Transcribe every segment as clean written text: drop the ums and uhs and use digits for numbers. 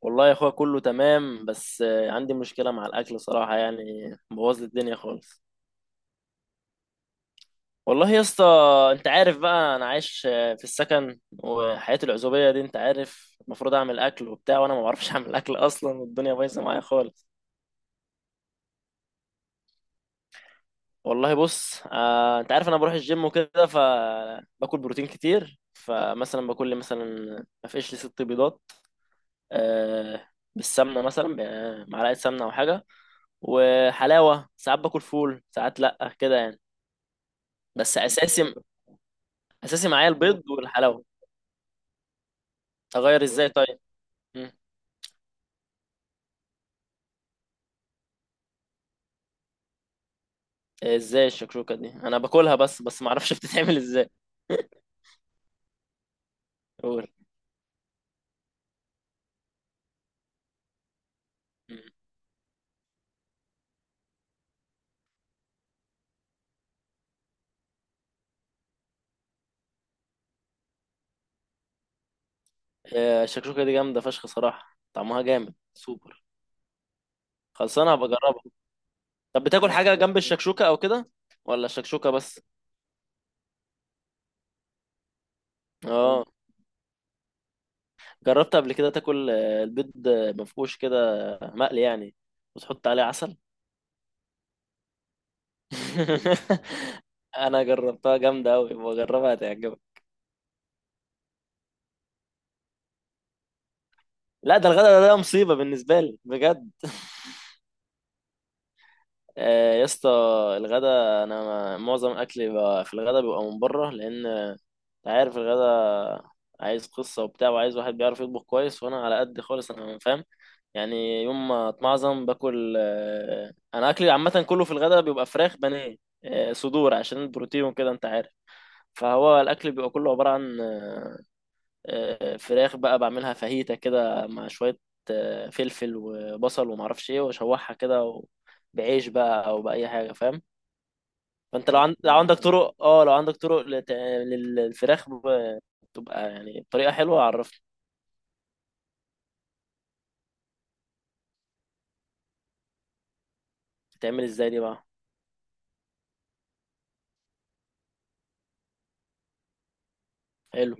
والله يا اخويا كله تمام. بس عندي مشكلة مع الاكل صراحة، يعني بوظ لي الدنيا خالص. والله يا اسطى، انت عارف بقى انا عايش في السكن، وحياة العزوبية دي انت عارف المفروض اعمل اكل وبتاع، وانا ما بعرفش اعمل اكل اصلا، والدنيا بايظة معايا خالص. والله بص، انت عارف انا بروح الجيم وكده، فباكل بروتين كتير، فمثلا باكل لي مثلا ما فيش لي ست بيضات آه، بالسمنة، مثلا معلقة سمنة او حاجة وحلاوة. ساعات باكل فول، ساعات لأ كده يعني. بس اساسي، اساسي معايا البيض والحلاوه. اغير ازاي طيب؟ مم. ازاي الشكشوكه دي؟ انا باكلها بس، ما اعرفش بتتعمل ازاي. قول. مم. الشكشوكه دي جامده فشخ صراحه، طعمها جامد سوبر. خلصانه، هبقى اجربها. طب بتاكل حاجه جنب الشكشوكه او كده، ولا الشكشوكه بس؟ اه، جربت قبل كده تاكل البيض مفقوش كده، مقلي يعني، وتحط عليه عسل؟ انا جربتها جامده قوي، بجربها هتعجبك. لا ده الغدا، ده مصيبة بالنسبة لي بجد. يا اسطى، الغدا، انا معظم اكلي بقى في الغدا بيبقى من بره، لان انت عارف الغدا عايز قصة وبتاع، وعايز واحد بيعرف يطبخ كويس، وانا على قد خالص انا، فاهم؟ يعني يوم ما اتمعظم باكل، انا اكلي عامة كله في الغدا بيبقى فراخ بانيه، صدور عشان البروتين وكده انت عارف. فهو الاكل بيبقى كله عبارة عن فراخ بقى، بعملها فاهيتا كده مع شوية فلفل وبصل ومعرفش ايه، واشوحها كده بعيش بقى او بأي حاجة، فاهم؟ فانت لو عندك طرق، اه لو عندك طرق للفراخ تبقى يعني بطريقة حلوة عرفني. بتتعمل ازاي دي بقى؟ حلو.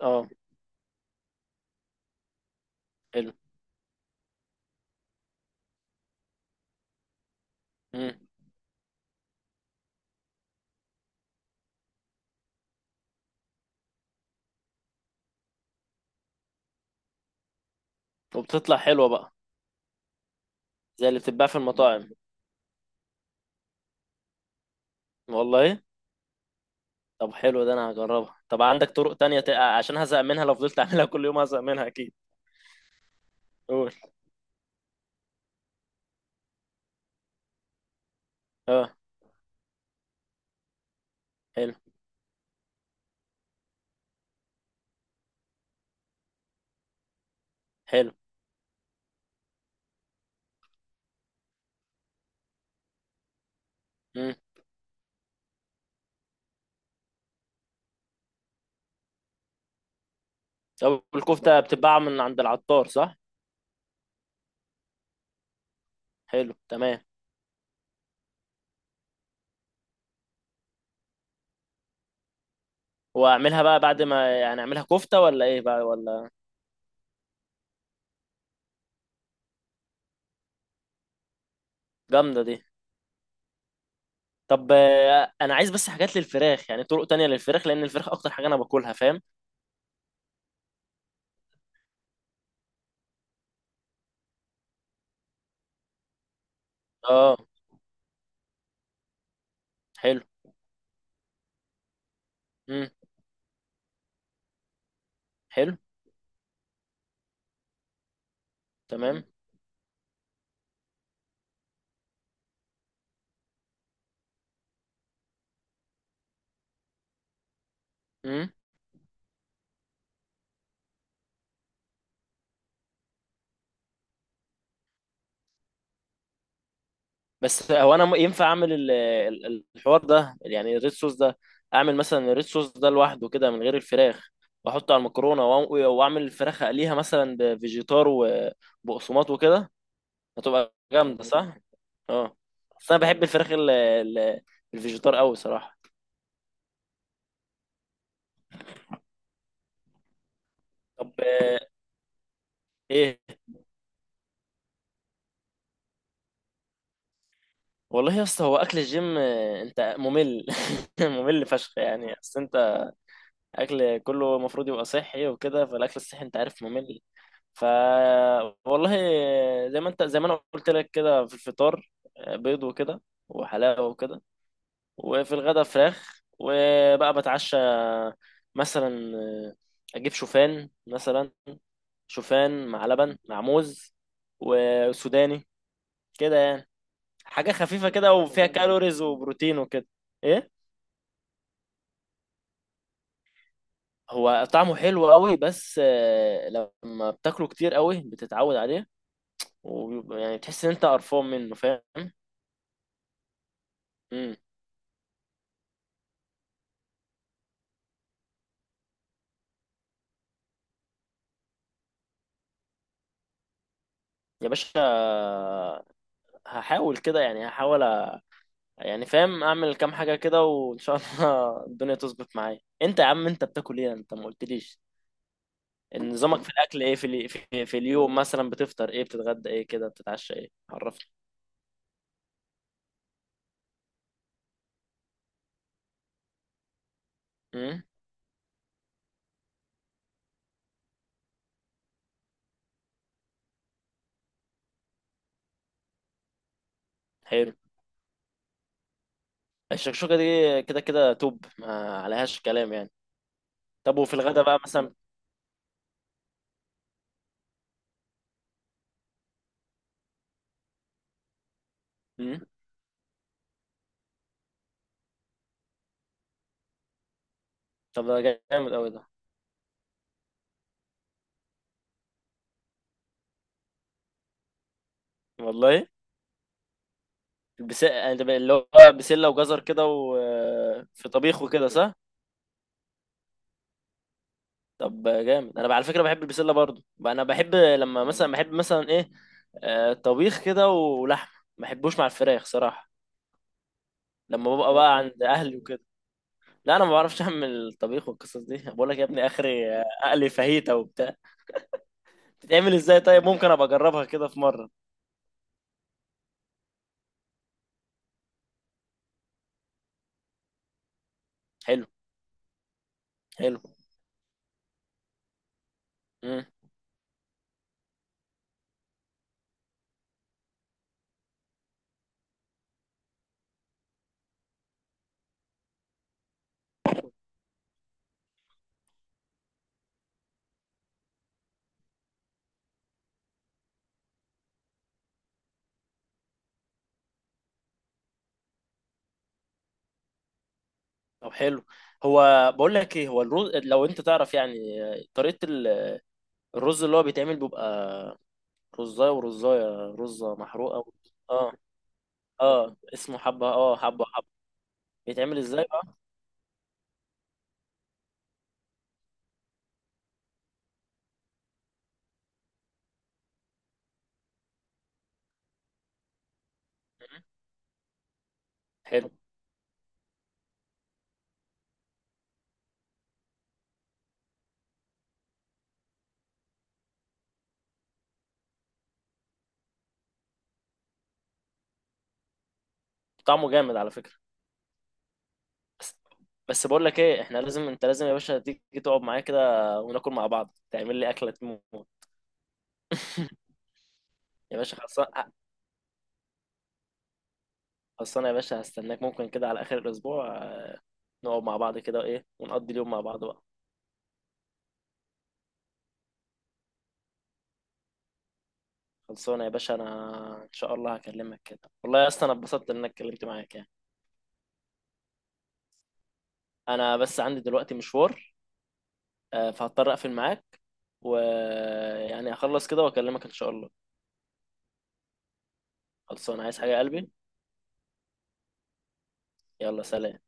اه حلو. مم. وبتطلع حلوة بقى؟ زي اللي بتتباع في المطاعم. والله. طب حلو، ده انا هجربها. طب عندك طرق تانية عشان هزهق منها، لو فضلت اعملها كل يوم هزهق منها اكيد. قول. اه. حلو. حلو. مم. طب الكفتة بتتباع من عند العطار صح؟ حلو تمام. واعملها بقى بعد ما، يعني اعملها كفتة ولا ايه بقى، ولا؟ جامدة دي. طب انا عايز بس حاجات للفراخ، يعني طرق تانية للفراخ، لان الفراخ اكتر حاجة انا باكلها، فاهم؟ اه. حلو. امم. حلو تمام. امم. بس هو انا ينفع اعمل الحوار ده، يعني الريد صوص ده؟ اعمل مثلا الريد صوص ده لوحده كده من غير الفراخ، واحطه على المكرونة، واعمل الفراخ اقليها مثلا بفيجيتار وبقسماط وكده. هتبقى جامدة صح؟ اه. بس انا بحب الفراخ الفيجيتار قوي صراحة. طب ايه. والله يا اسطى، هو اكل الجيم انت ممل، ممل فشخ يعني، بس انت اكل كله المفروض يبقى صحي وكده، فالاكل الصحي انت عارف ممل. ف، والله زي ما انت، زي ما انا قلت لك كده، في الفطار بيض وكده وحلاوة وكده، وفي الغدا فراخ، وبقى بتعشى مثلا آه، اجيب شوفان مثلا، شوفان مع لبن مع موز وسوداني، كده يعني. حاجة خفيفة كده، وفيها كالوريز وبروتين وكده. ايه. هو طعمه حلو قوي، بس لما بتاكله كتير قوي بتتعود عليه، وبيبقى، يعني بتحس ان انت قرفان منه، فاهم؟ امم. يا باشا هحاول كده يعني، هحاول يعني، فاهم اعمل كام حاجه كده، وان شاء الله الدنيا تظبط معايا. انت يا عم، انت بتاكل ايه؟ انت ما قلتليش إن نظامك في الاكل ايه. في اليوم مثلا بتفطر ايه، بتتغدى ايه كده، بتتعشى ايه، عرفني. امم. حلو. الشكشوكه دي كده كده توب، ما عليهاش كلام يعني. طب وفي الغدا بقى مثلا؟ امم. طب ده جامد قوي ده. والله. البس... اللي هو بسله وجزر كده، وفي طبيخ وكده صح؟ طب جامد. انا على فكره بحب البسله برضو. انا بحب لما مثلا، بحب مثلا ايه طبيخ كده ولحمه، ما بحبوش مع الفراخ صراحه. لما ببقى بقى اه عند اهلي وكده. لا انا ما بعرفش اعمل الطبيخ والقصص دي، بقول لك يا ابني اخري اقلي فاهيتا وبتاع. بتتعمل ازاي طيب؟ ممكن ابقى اجربها كده في مره. حلو. حلو. امم. طب حلو. هو بقول لك ايه، هو الرز لو انت تعرف، يعني طريقه الرز اللي هو بيتعمل بيبقى رزايه ورزايه، رزه محروقه اه. اه اسمه حبة، اه حبة حبة. بيتعمل ازاي بقى؟ مم. حلو. طعمه جامد على فكرة. بس، بس بقول لك ايه، احنا لازم، انت لازم يا باشا تيجي تقعد معايا كده، وناكل مع بعض، تعمل لي اكلة تموت. يا باشا خلصان. خلصانة يا باشا، هستناك ممكن كده على اخر الاسبوع نقعد مع بعض كده، ايه، ونقضي اليوم مع بعض بقى. خلصانة يا باشا، انا ان شاء الله هكلمك كده. والله يا اسطى، انا اتبسطت انك اتكلمت معاك يعني. انا بس عندي دلوقتي مشوار، فهضطر اقفل معاك، ويعني هخلص كده واكلمك ان شاء الله. خلصان، عايز حاجة يا قلبي؟ يلا سلام.